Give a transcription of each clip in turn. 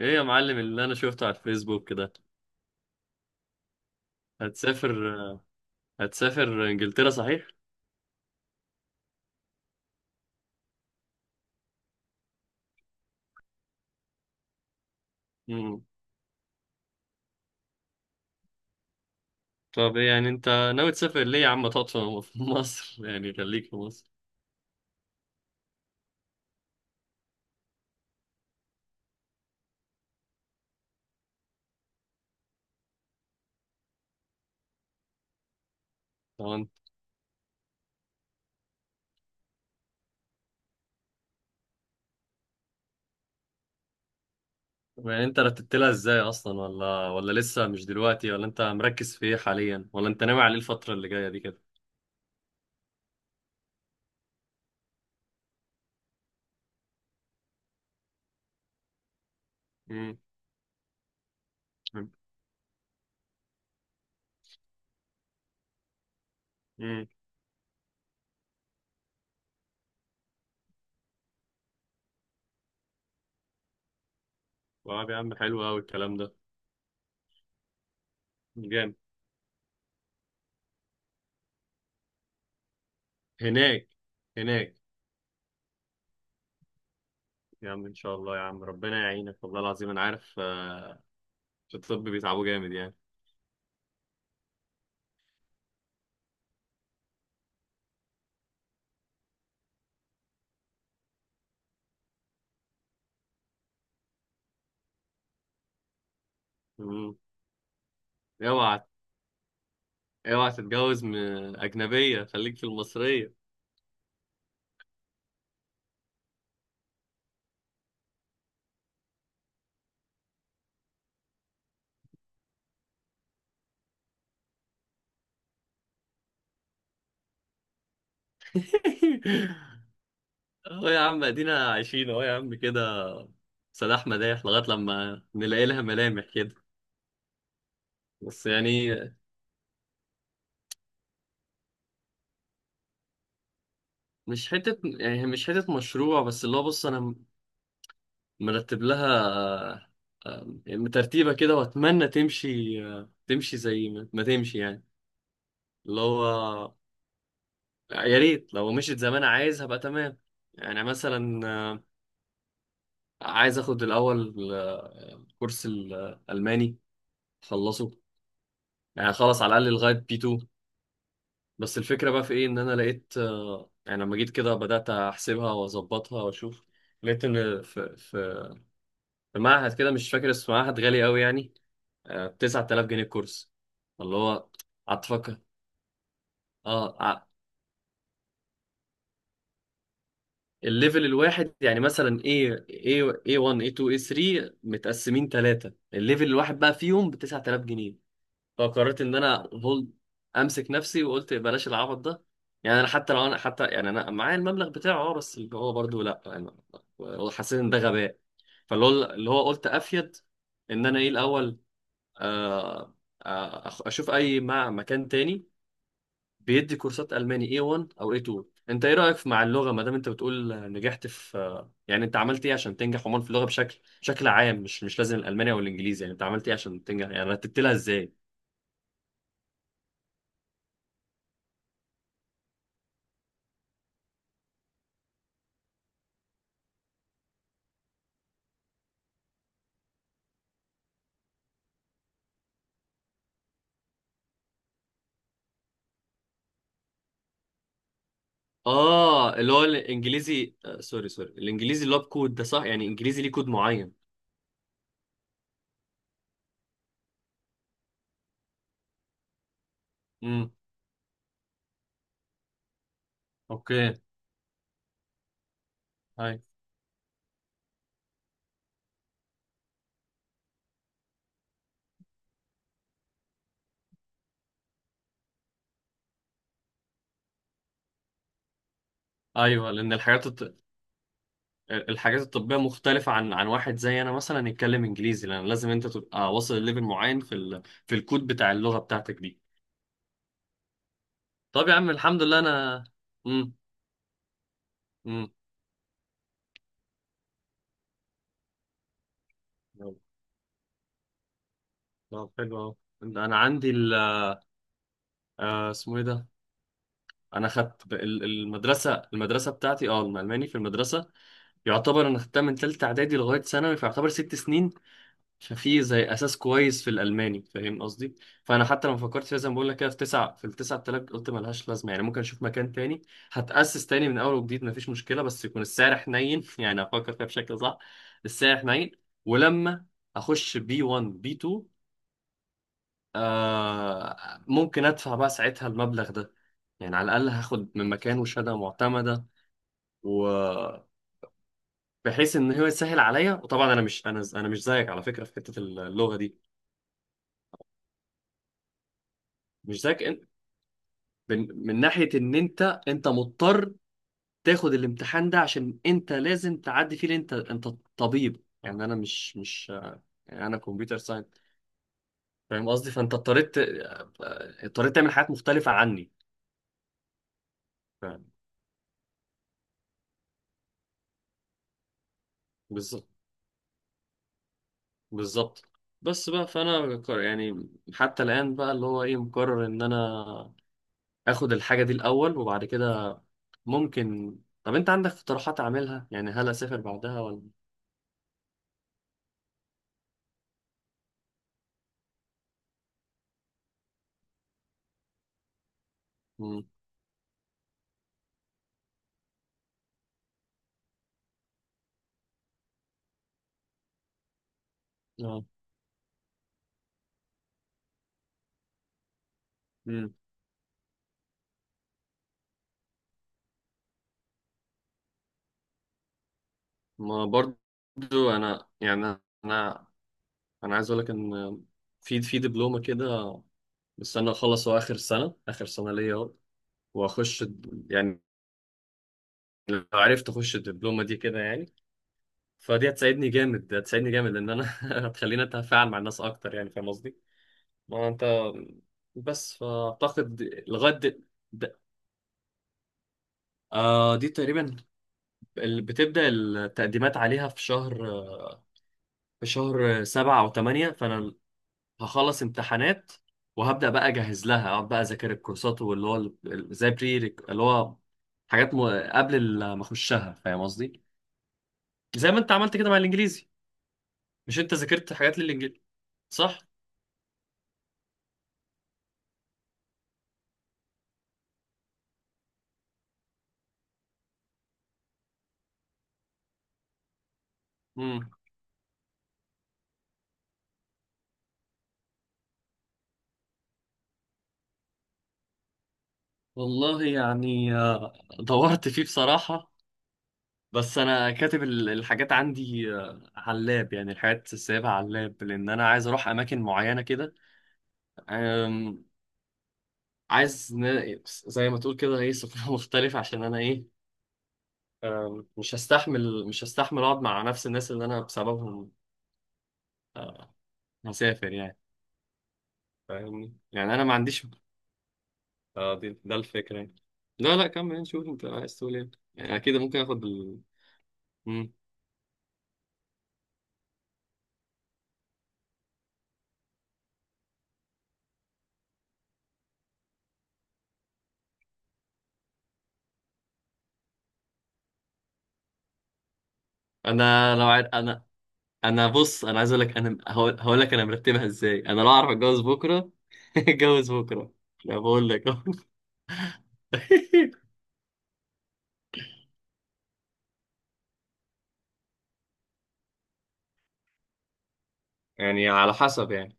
ايه يا معلم اللي انا شفته على الفيسبوك كده؟ هتسافر؟ هتسافر انجلترا صحيح؟ مم. طب ايه يعني ناوي تسافر ليه يا عم؟ تقعد في في مصر، يعني خليك في مصر. طب انت طب يعني انت رتبت لها ازاي اصلا، ولا لسه مش دلوقتي، ولا انت مركز في ايه حاليا، ولا انت ناوي على ايه الفترة اللي جاية دي كده؟ امم. امم. طب يا عم حلو قوي الكلام ده. جامد. هناك هناك. يا عم ان شاء الله يا عم، ربنا يعينك والله العظيم. انا عارف، في الطب بيتعبوا جامد يعني. مم. اوعى اوعى تتجوز من أجنبية، خليك في المصرية. اهو يا عم، ادينا عايشين اهو يا عم كده، سلاح مداح لغاية لما نلاقي لها ملامح كده. بس يعني مش حتة مشروع، بس اللي هو بص، انا مرتب لها، آه، ترتيبة كده واتمنى تمشي، تمشي زي ما تمشي يعني. اللي هو يا ريت لو مشيت زي ما انا عايز هبقى تمام. يعني مثلا عايز اخد الاول كورس الالماني، خلصوا يعني خلص على الاقل لغايه بي B2. بس الفكره بقى في ايه، ان انا لقيت يعني لما جيت كده بدات احسبها واظبطها واشوف. لقيت ان في في معهد كده مش فاكر اسمه، معهد غالي قوي يعني. 9000 جنيه الكورس اللي هو. قعدت افكر. اه ع- الليفل الواحد، يعني مثلا ايه A1 ايه A2 ايه A3، متقسمين ثلاثه، الليفل الواحد بقى فيهم ب 9000 جنيه. فقررت ان انا هولد، امسك نفسي، وقلت بلاش العبط ده. يعني انا حتى لو انا حتى يعني انا معايا المبلغ بتاعه، اه، بس اللي هو برضه لا يعني. هو حسيت ان ده غباء، فاللي هو اللي هو قلت افيد، ان انا ايه الاول، آه، اشوف اي مكان تاني بيدي كورسات الماني A1 او A2. انت ايه رايك مع اللغه ما دام انت بتقول نجحت في، يعني انت عملت ايه عشان تنجح عموما في اللغه بشكل عام، مش لازم الالماني او الانجليزي، يعني انت عملت ايه عشان تنجح، يعني رتبت لها ازاي؟ اه اللي هو الانجليزي، آه سوري الانجليزي اللي هو بكود ده صح يعني؟ انجليزي ليه كود معين؟ امم. اوكي. ايوه. ايوه، لان الحاجات الط... الحاجات الطبيه مختلفه عن واحد زي انا مثلا يتكلم انجليزي، لان لازم انت تبقى واصل لليفل معين في ال... في الكود بتاع اللغه بتاعتك دي. طب يا عم الحمد لله انا. امم. امم. يلا. طب حلو اهو. انا عندي ال... آه اسمه ايه ده؟ انا خدت المدرسه بتاعتي، اه الالماني في المدرسه. يعتبر انا خدتها من تالتة اعدادي لغاية ثانوي، فيعتبر ست سنين. ففي زي اساس كويس في الالماني، فاهم قصدي؟ فانا حتى لما فكرت فيها زي ما بقول لك كده، في تسعة في التسعة التلات، قلت ملهاش لازمة، يعني ممكن اشوف مكان تاني. هتأسس تاني من اول وجديد مفيش مشكلة، بس يكون السعر حنين، يعني افكر فيها بشكل صح. السعر حنين، ولما اخش بي B1 بي B2، آه ممكن ادفع بقى ساعتها المبلغ ده. يعني على الاقل هاخد من مكانه شهادة معتمدة، و... بحيث ان هو يسهل عليا. وطبعا انا مش انا مش زيك على فكره في حته اللغه دي. مش زيك إن- من ناحيه ان انت مضطر تاخد الامتحان ده عشان انت لازم تعدي فيه، لأن انت طبيب. يعني انا مش يعني انا كمبيوتر ساينس، فاهم قصدي؟ فانت اضطريت، تعمل حاجات مختلفه عني. فاهم. بالظبط. بالظبط. بس بقى فانا ك- يعني حتى الان بقى اللي هو ايه، مقرر ان انا اخد الحاجه دي الاول، وبعد كده ممكن. طب انت عندك اقتراحات اعملها، يعني هل اسافر بعدها ولا؟ مم. اه. مم. ما برضو انا يعني انا انا عايز اقول لك ان في دبلومه كده مستني اخلص، هو اخر سنه ليا اهو، واخش لو عرفت اخش الدبلومه دي كده يعني، فدي هتساعدني جامد، لان انا هتخليني اتفاعل مع الناس اكتر، يعني فاهم قصدي؟ ما انت فاعتقد لغايه د- آه دي تقريبا ال- بتبدأ التقديمات عليها في شهر، في شهر سبعة أو تمانية. فأنا هخلص امتحانات وهبدأ بقى أجهز لها، أقعد بقى أذاكر الكورسات واللي هو زي بري، اللي هو حاجات م... ما أخشها، فاهم قصدي؟ زي ما أنت عملت كده مع الإنجليزي. مش أنت ذاكرت حاجات للإنجليزي صح؟ مم. والله يعني، دورت فيه بصراحة. بس انا كاتب الحاجات عندي على اللاب، يعني الحاجات سايبها على اللاب، لان انا عايز اروح اماكن معينه كده. أم، عايز زي ما تقول كده ايه، سفر مختلف عشان انا ايه. مش هستحمل، اقعد مع نفس الناس اللي انا بسببهم آه، هسافر يعني، فاهمني؟ يعني انا ما عنديش، ده الفكره يعني. لا كمل نشوف انت عايز تقول ايه، يعني اكيد ممكن اخد ال... مم. انا لو عارف، انا عايز اقول لك، انا هقول هقول لك انا مرتبها ازاي. انا لو اعرف اتجوز بكره، اتجوز بكره. لا بقول لك أهو. يعني على حسب يعني.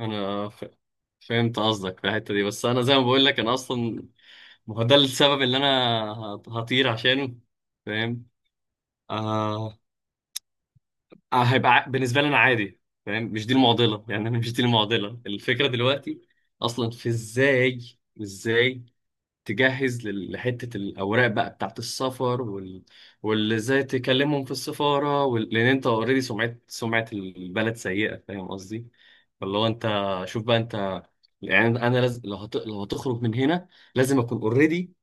انا ف... فهمت قصدك في الحته دي، بس انا زي ما بقول لك انا اصلا، ما هو ده السبب اللي انا هطير عشانه، فاهم؟ آه... آه هيبقى بالنسبه لي انا عادي، فاهم؟ مش دي المعضله، يعني انا مش دي المعضله. الفكره دلوقتي اصلا في ازاي، ازاي تجهز لحتة الأوراق بقى بتاعت السفر وال... واللي ازاي تكلمهم في السفارة وال... لأن أنت أوريدي سمعة البلد سيئة، فاهم قصدي؟ فاللي هو أنت، شوف بقى أنت، يعني أنا لازم لو لو هتخرج من هنا لازم أكون أوريدي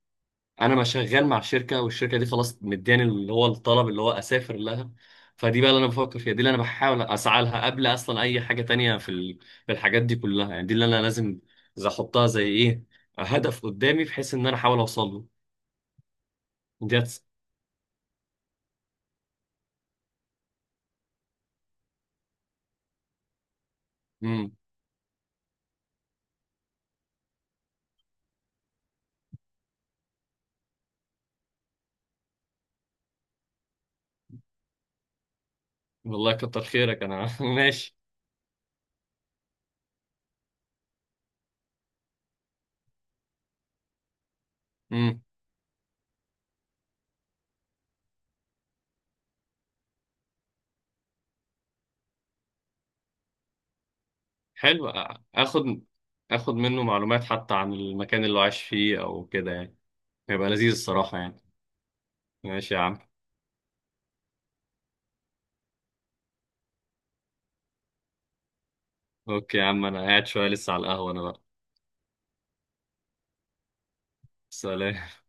انا ما شغال مع شركه، والشركه دي خلاص مداني اللي هو الطلب اللي هو اسافر لها. فدي بقى اللي انا بفكر فيها، دي اللي انا بحاول اسعى لها قبل اصلا اي حاجه تانية في في الحاجات دي كلها. يعني دي اللي انا لازم زي احطها زي ايه، هدف قدامي، بحيث ان انا احاول اوصل له. ديت. امم. والله كتر خيرك انا، ماشي. امم. حلو، اخد، منه معلومات حتى عن المكان اللي هو عايش فيه او كده يعني، هيبقى لذيذ الصراحه يعني. ماشي يا عم. اوكي يا عم، انا قاعد شويه لسه على القهوه انا بقى. سلام.